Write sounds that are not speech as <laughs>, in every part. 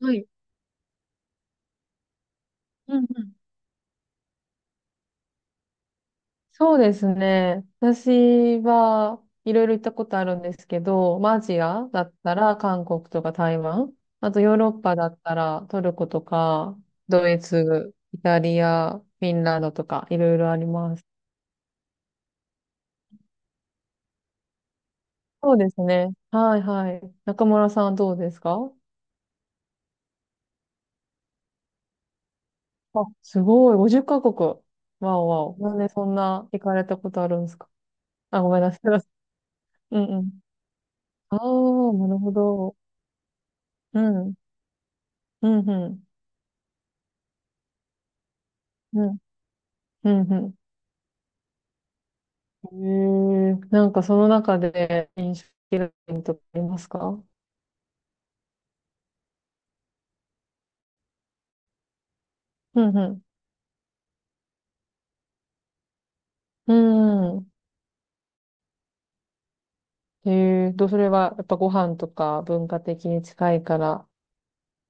はい。うんうん。そうですね。私はいろいろ行ったことあるんですけど、まあアジアだったら韓国とか台湾、あとヨーロッパだったらトルコとか、ドイツ、イタリア、フィンランドとかいろいろあります。そうですね。はいはい。中村さんはどうですか？あ、すごい。50カ国。わおわお。なんでそんな行かれたことあるんですか？あ、ごめんなさい。<laughs> うんうん。ああ、なるほど。うん。うんうん。うんうんうん。なんかその中で印象的なポイントってありますか？うんうん。うん。それはやっぱご飯とか文化的に近いから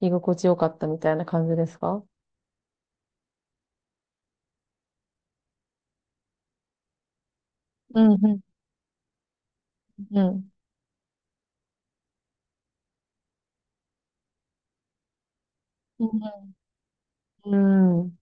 居心地よかったみたいな感じですか？うんうんうん。うんうん。うん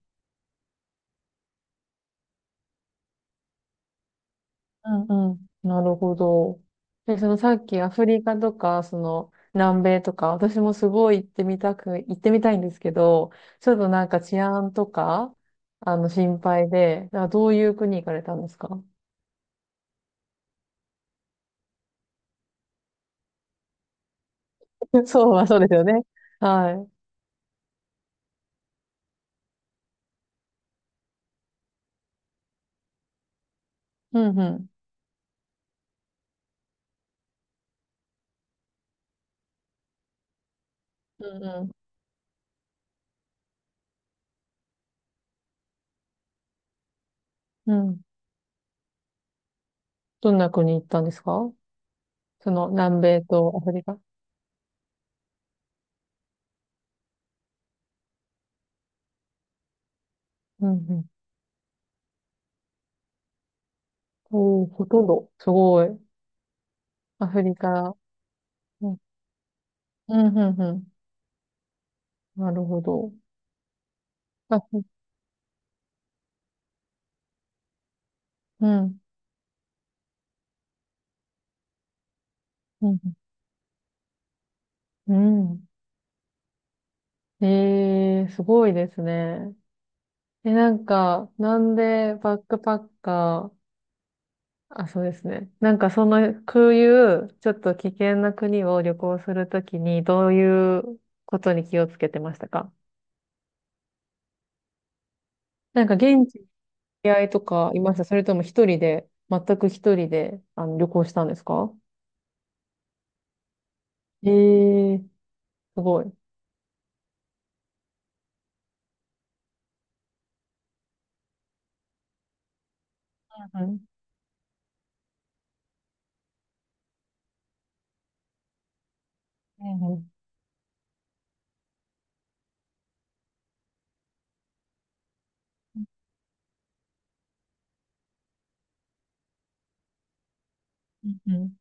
うんうん。なるほど。で、そのさっきアフリカとか、その南米とか、私もすごい行ってみたいんですけど、ちょっとなんか治安とか、あの心配で、あどういう国行かれたんですか？ <laughs> そうはそうですよね。はい。うんうん。うんうん。うん。どんな国行ったんですか？その南米とアフリカ。うんうん。おー、ほとんど。すごい。アフリカ。うん、うん、うん。うん。なるほど。あ、うん。うんうんうん。ええ、すごいですね。え、なんか、なんでバックパッカー。あ、そうですね。なんかその、こういう、ちょっと危険な国を旅行するときに、どういうことに気をつけてましたか？なんか現地に知り合いとかいました？それとも一人で、全く一人で、あの、旅行したんですか？ええ、すごい。うん。うん。うんうん。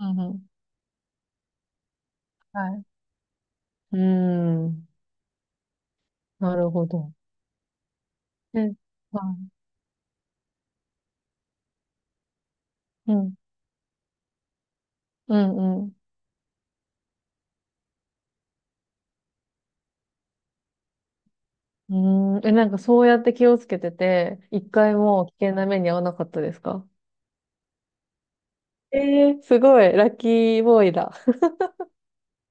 うんうん。はい。うーん。なるほど。うん。はい。うんうんうん。うーん。え、なんかそうやって気をつけてて、一回も危険な目に遭わなかったですか？えすごい、ラッキーボーイだ。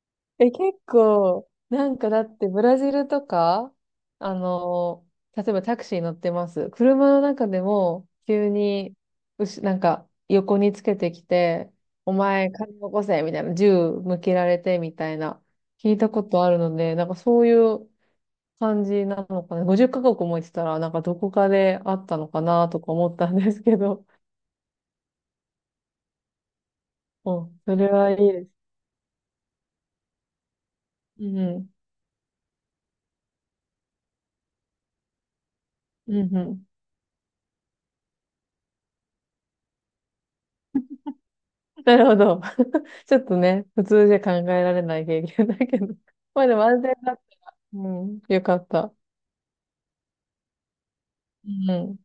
<laughs> え、結構、なんかだってブラジルとか、あの、例えばタクシー乗ってます。車の中でも、急に、うし、なんか横につけてきて、お前、金起こせみたいな、銃向けられてみたいな、聞いたことあるので、なんかそういう感じなのかな。50カ国も行ってたら、なんかどこかであったのかなとか思ったんですけど。<laughs> うん、それはいいです。うん、うん、うん。なるほど。<laughs> ちょっとね、普通じゃ考えられない経験だけど。<laughs> まあでも安全だった。うん、よかった。うん、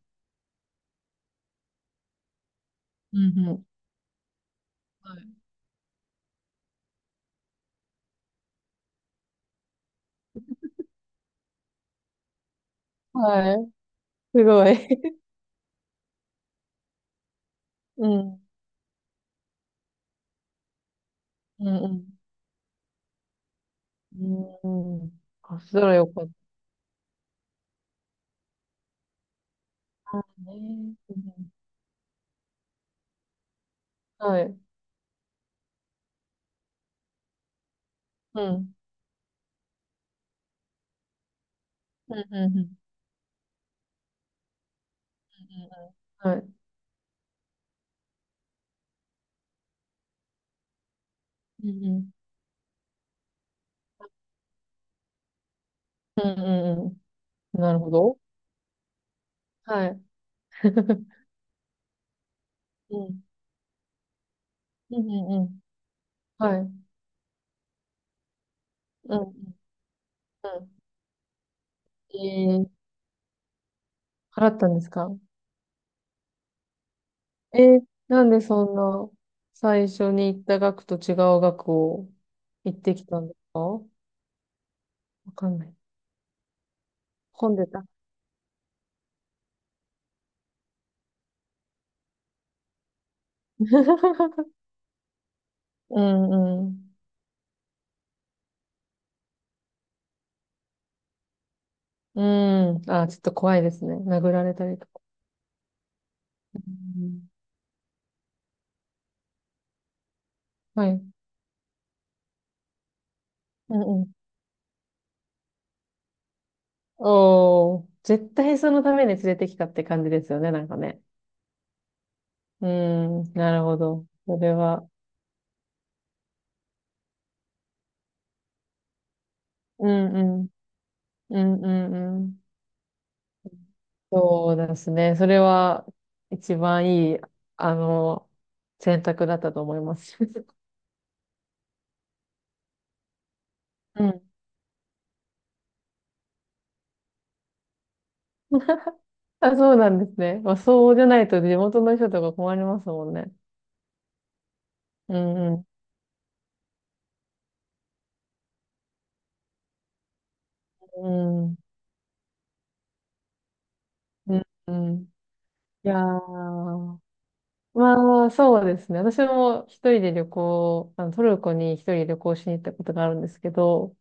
うん、うん。はい。はい。すごい。<laughs> うん、うん、うん。うん。あ、そしたらよかった。うんね。うんうん。はい。うん。うん、うん、うん、うん。はい。うん、うん。うん、うん、うん。なるほど。はい。<laughs> うん。うんうんうん。はい。うんうんうん。えー、払ったんですか？なんでそんな最初に行った額と違う額を行ってきたんですか？わかんない。混んでた。<laughs> うんうん。うん。あ、ちょっと怖いですね。殴られたりとか。うん。はい。うんうん。おー、絶対そのために連れてきたって感じですよね、なんかね。うん、なるほど。それは。うんうん。うんうんうん。そうですね。それは一番いい、あの、選択だったと思います。<laughs> うん。あ、そうなんですね。まあ、そうじゃないと地元の人とか困りますもんね。うんうん。うん。うんうん。いやー。まあ、そうですね。私も一人で旅行、トルコに一人旅行しに行ったことがあるんですけど、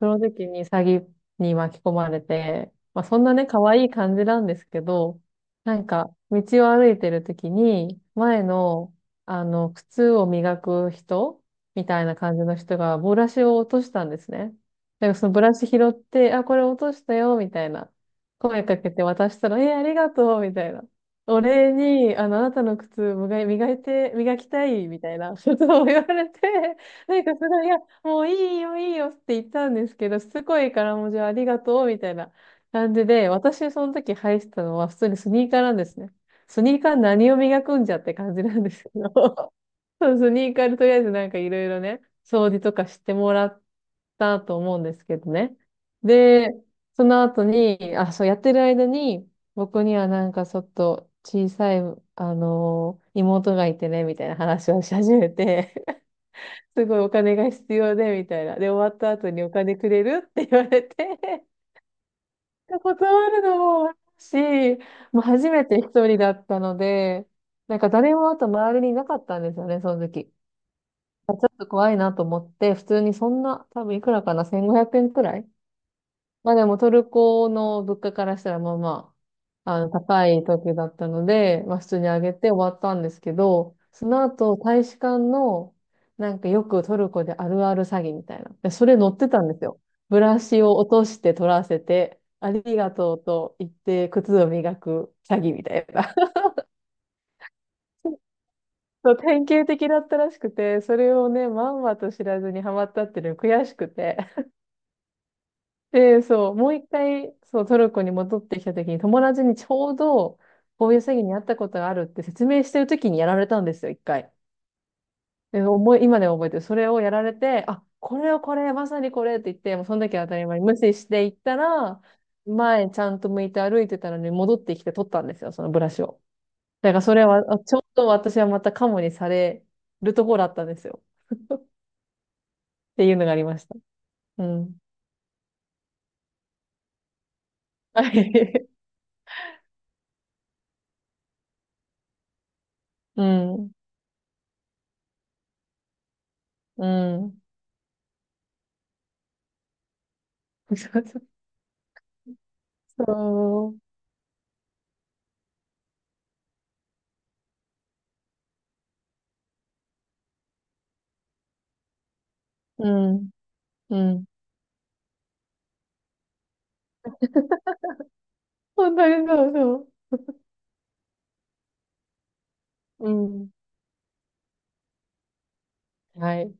その時に詐欺に巻き込まれて、まあそんなね、可愛い感じなんですけど、なんか、道を歩いてる時に、前の、あの、靴を磨く人みたいな感じの人が、ブラシを落としたんですね。だからそのブラシ拾って、あ、これ落としたよ、みたいな。声かけて渡したら、え、ありがとう、みたいな。お礼に、あの、あなたの靴磨きたい、みたいなことを <laughs> 言われて、なんかすごい、いやもういいよ、いいよって言ったんですけど、すごいからもうじゃあありがとうみたいな感じで、私その時履いてたのは普通にスニーカーなんですね。スニーカー何を磨くんじゃって感じなんですけど、<laughs> そうスニーカーでとりあえずなんかいろいろね、掃除とかしてもらったと思うんですけどね。で、その後に、あ、そうやってる間に、僕にはなんかちょっと小さい、あの妹がいてね、みたいな話をし始めて、すごいお金が必要で、みたいな。で、終わった後にお金くれるって言われて <laughs> 断るのもし、もう初めて一人だったので、なんか誰もあと周りにいなかったんですよね、その時。ちょっと怖いなと思って、普通にそんな、多分いくらかな、1500円くえんくらい。まあでもトルコの物価からしたらまあまあの、高い時だったので、まあ普通にあげて終わったんですけど、その後、大使館の、なんかよくトルコであるある詐欺みたいな。で、それ乗ってたんですよ。ブラシを落として取らせて、ありがとうと言って靴を磨く詐欺みたいな。<laughs> そう、典型的だったらしくて、それをね、まんまと知らずにハマったっていうのが悔しくて。で、そう、もう一回、そう、トルコに戻ってきた時に、友達にちょうど、こういう詐欺にあったことがあるって説明してる時にやられたんですよ、一回。で、今でも覚えてる。それをやられて、あ、これ、まさにこれって言って、もうその時は当たり前に無視していったら、前ちゃんと向いて歩いてたのに戻ってきて取ったんですよ、そのブラシを。だからそれは、ちょうど私はまたカモにされるところだったんですよ。っていうのがありました。うん。<laughs> はい。うん。うん。そうそうそう。うん。うん。本当にそうそう。うん。はい。